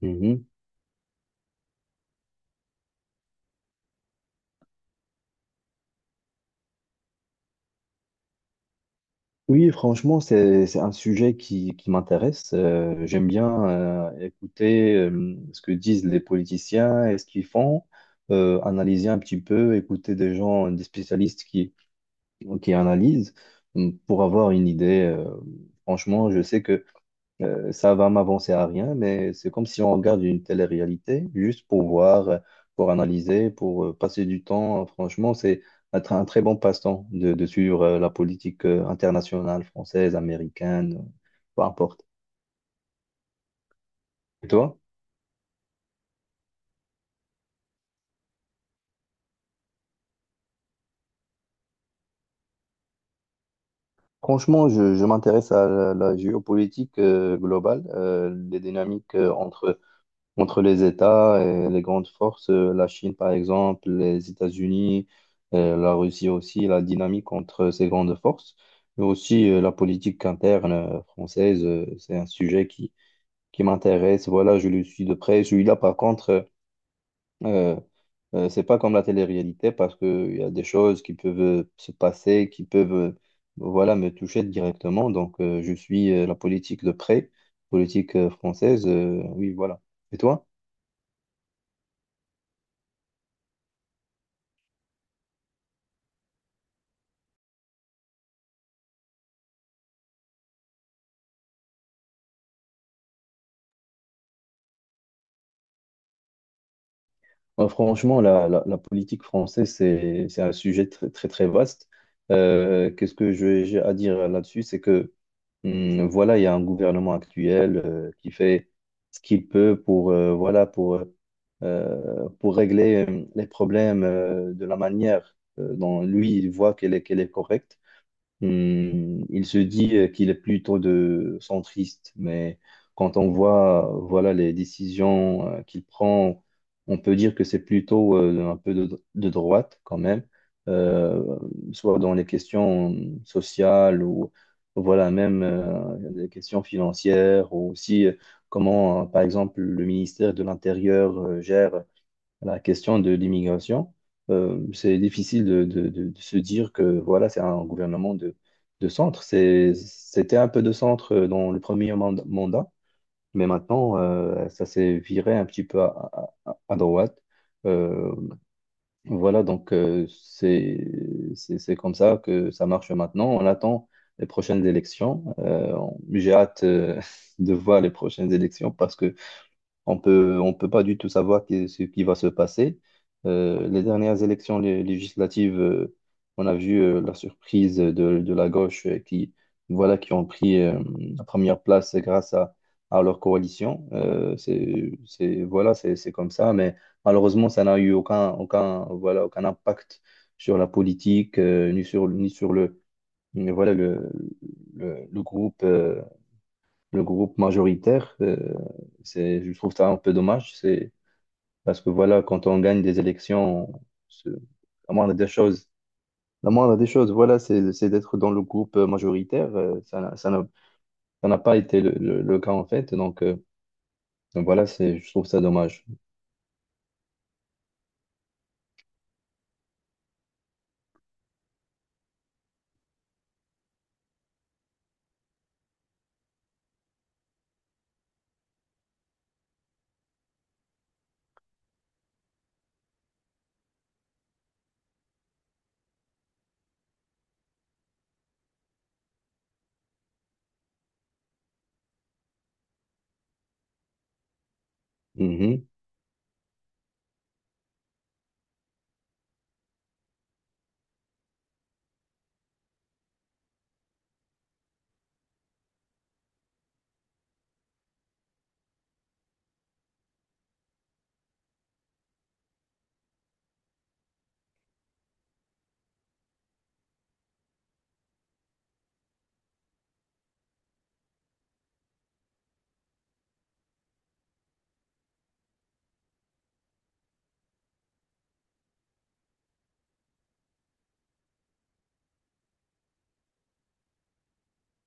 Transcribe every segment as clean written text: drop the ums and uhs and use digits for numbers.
Mhm. Oui, franchement, c'est un sujet qui m'intéresse. J'aime bien écouter ce que disent les politiciens et ce qu'ils font, analyser un petit peu, écouter des gens, des spécialistes qui analysent pour avoir une idée. Franchement, je sais que ça va m'avancer à rien, mais c'est comme si on regarde une télé-réalité, juste pour voir, pour analyser, pour passer du temps. Franchement, c'est un très bon passe-temps de suivre la politique internationale, française, américaine, peu importe. Et toi? Franchement, je m'intéresse à la géopolitique globale, les dynamiques entre les États et les grandes forces, la Chine par exemple, les États-Unis, la Russie aussi, la dynamique entre ces grandes forces, mais aussi la politique interne française, c'est un sujet qui m'intéresse. Voilà, je le suis de près. Celui-là, par contre, euh, c'est pas comme la télé-réalité parce qu'il y a des choses qui peuvent se passer, qui peuvent voilà, me toucher directement. Donc, je suis la politique de près, politique française. Oui, voilà. Et toi? Ouais, franchement, la politique française, c'est un sujet très, très, très vaste. Qu'est-ce que j'ai à dire là-dessus? C'est que, voilà, il y a un gouvernement actuel qui fait ce qu'il peut pour, voilà, pour régler les problèmes de la manière dont lui, il voit qu'elle est correcte. Il se dit qu'il est plutôt de centriste, mais quand on voit voilà les décisions qu'il prend, on peut dire que c'est plutôt un peu de droite quand même, euh, soit dans les questions sociales ou voilà même les questions financières ou aussi comment par exemple le ministère de l'Intérieur gère la question de l'immigration, c'est difficile de se dire que voilà, c'est un gouvernement de centre. C'était un peu de centre dans le premier mandat, mais maintenant, ça s'est viré un petit peu à droite. Euh, voilà, donc c'est comme ça que ça marche maintenant. On attend les prochaines élections. J'ai hâte de voir les prochaines élections parce que on peut pas du tout savoir ce qui va se passer. Les dernières élections législatives, on a vu la surprise de la gauche qui, voilà, qui ont pris la première place grâce à leur coalition. Voilà, c'est comme ça, mais malheureusement, ça n'a eu aucun impact sur la politique, ni sur voilà, le groupe. Le groupe majoritaire. Je trouve ça un peu dommage. C'est parce que voilà, quand on gagne des élections, se- la moindre des choses, la moindre des choses, voilà, c'est d'être dans le groupe majoritaire. Ça n'a pas été le cas en fait. Donc voilà, je trouve ça dommage. Mhm,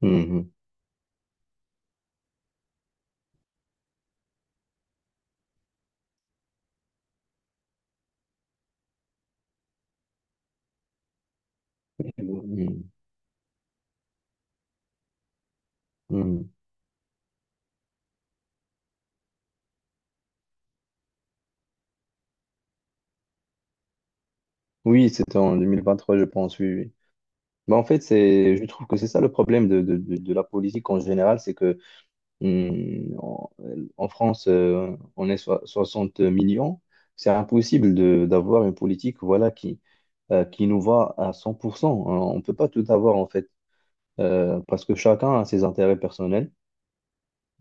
mhm, mhm, mhm. Oui, c'était en 2023, je pense. Oui, oui. Mais en fait, je trouve que c'est ça le problème de la politique en général, c'est que Hmm, En en France, on est 60 millions. C'est impossible d'avoir une politique voilà, qui nous va à 100%. On ne peut pas tout avoir, en fait, parce que chacun a ses intérêts personnels.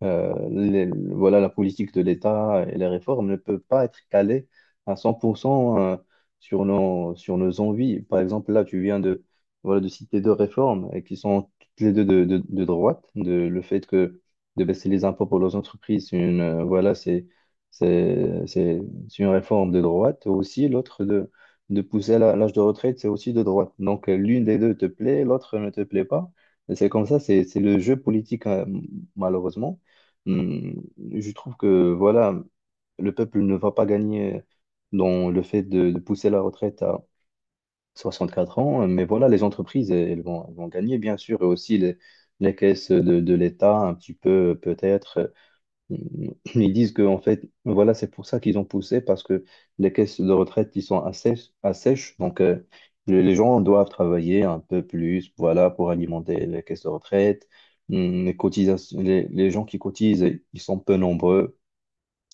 Euh, les- voilà, la politique de l'État et les réformes ne peuvent pas être calées à 100% sur nos envies. Par exemple, là, tu viens de citer deux réformes et qui sont toutes les deux de droite. Le fait que de baisser les impôts pour les entreprises, c'est une, voilà, c'est, c'est, c'est une réforme de droite. Aussi, l'autre de pousser l'âge de retraite, c'est aussi de droite. Donc, l'une des deux te plaît, l'autre ne te plaît pas. Et c'est comme ça, c'est le jeu politique, malheureusement. Hum, Je trouve que voilà, le peuple ne va pas gagner dans le fait de pousser la retraite à 64 ans, mais voilà, les entreprises, elles vont gagner, bien sûr, et aussi les caisses de l'État, un petit peu peut-être. Ils disent que, en fait, voilà, c'est pour ça qu'ils ont poussé, parce que les caisses de retraite, ils sont assez sèches. Donc, les gens doivent travailler un peu plus, voilà, pour alimenter les caisses de retraite. Les cotisations, les gens qui cotisent, ils sont peu nombreux.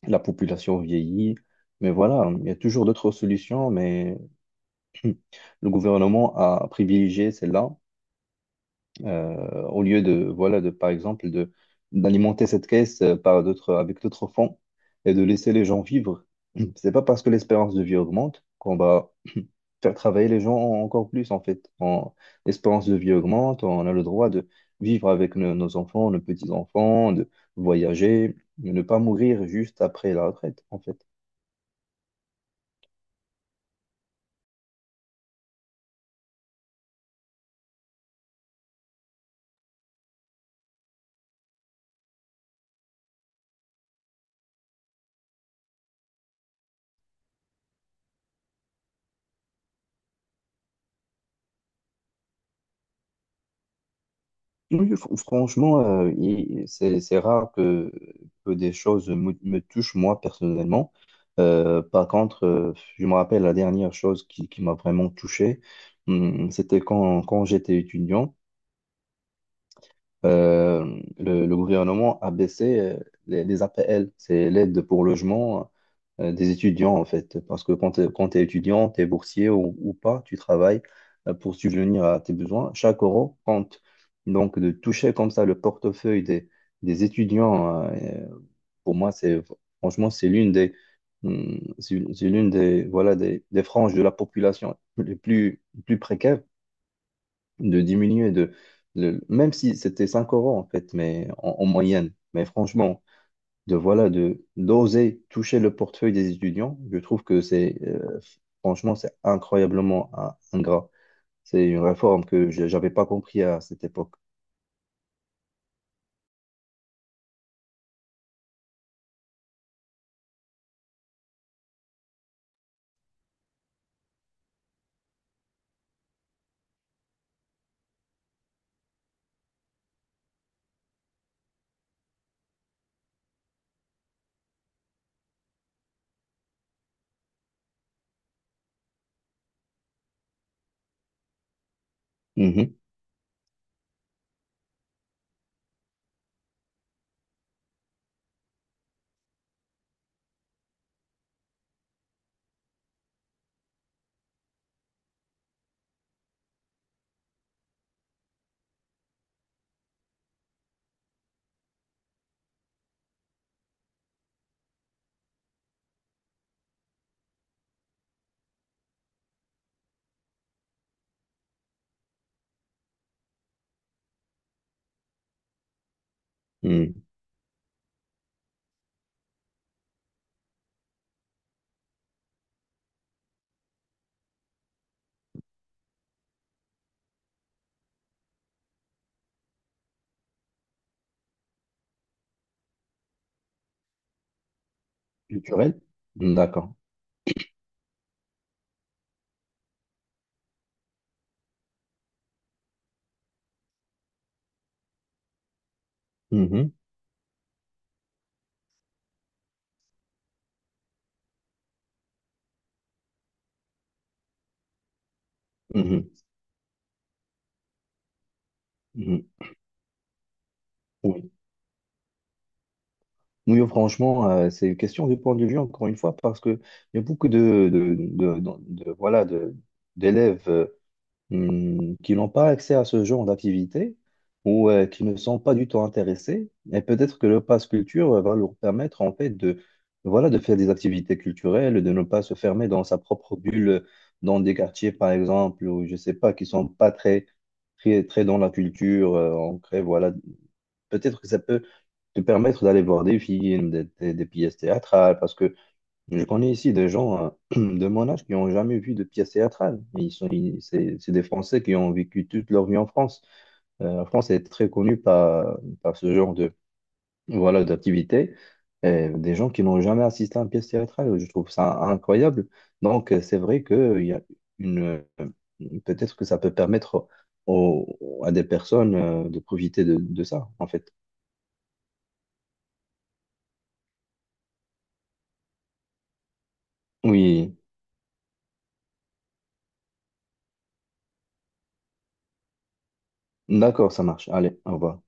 La population vieillit. Mais voilà, il y a toujours d'autres solutions, mais le gouvernement a privilégié celle-là au lieu voilà, par exemple, d'alimenter cette caisse par d'autres, avec d'autres fonds et de laisser les gens vivre. C'est pas parce que l'espérance de vie augmente qu'on va faire travailler les gens encore plus, en fait. L'espérance de vie augmente, on a le droit de vivre avec nos enfants, nos petits-enfants, de voyager, de ne pas mourir juste après la retraite, en fait. Oui, franchement, c'est rare que des choses me touchent moi personnellement. Par contre, je me rappelle la dernière chose qui m'a vraiment touché. C'était quand j'étais étudiant le gouvernement a baissé les APL, c'est l'aide pour logement des étudiants en fait. Parce que quand t'es étudiant, tu es boursier ou pas, tu travailles pour subvenir à tes besoins. Chaque euro compte. Donc de toucher comme ça le portefeuille des étudiants, pour moi, c'est franchement, c'est l'une des, c'est l'une des franges de la population les plus précaires de diminuer même si c'était 5 euros en fait mais en moyenne, mais franchement, de voilà, de d'oser toucher le portefeuille des étudiants, je trouve que c'est franchement, c'est incroyablement ingrat. C'est une réforme que j'avais pas compris à cette époque. Mhm. Mhm. Culturel. D'accord. Mhm. Mhm. Mhm. Oui. Oui, franchement, c'est une question de point de vue, encore une fois, parce que il y a beaucoup voilà, d'élèves qui n'ont pas accès à ce genre d'activité ou qui ne sont pas du tout intéressés. Et peut-être que le pass culture va leur permettre en fait voilà, de faire des activités culturelles, de ne pas se fermer dans sa propre bulle, dans des quartiers par exemple, ou je sais pas, qui sont pas très, très, très dans la culture ancrée, voilà. Peut-être que ça peut te permettre d'aller voir des films, des pièces théâtrales, parce que je connais ici des gens de mon âge qui n'ont jamais vu de pièce théâtrale. C'est des Français qui ont vécu toute leur vie en France. La France est très connue par ce genre voilà, d'activité. Et des gens qui n'ont jamais assisté à une pièce théâtrale, je trouve ça incroyable. Donc, c'est vrai qu'il y a une, euh, peut-être que ça peut permettre aux- à des personnes de profiter de ça, en fait. Oui, d'accord, ça marche. Allez, au revoir.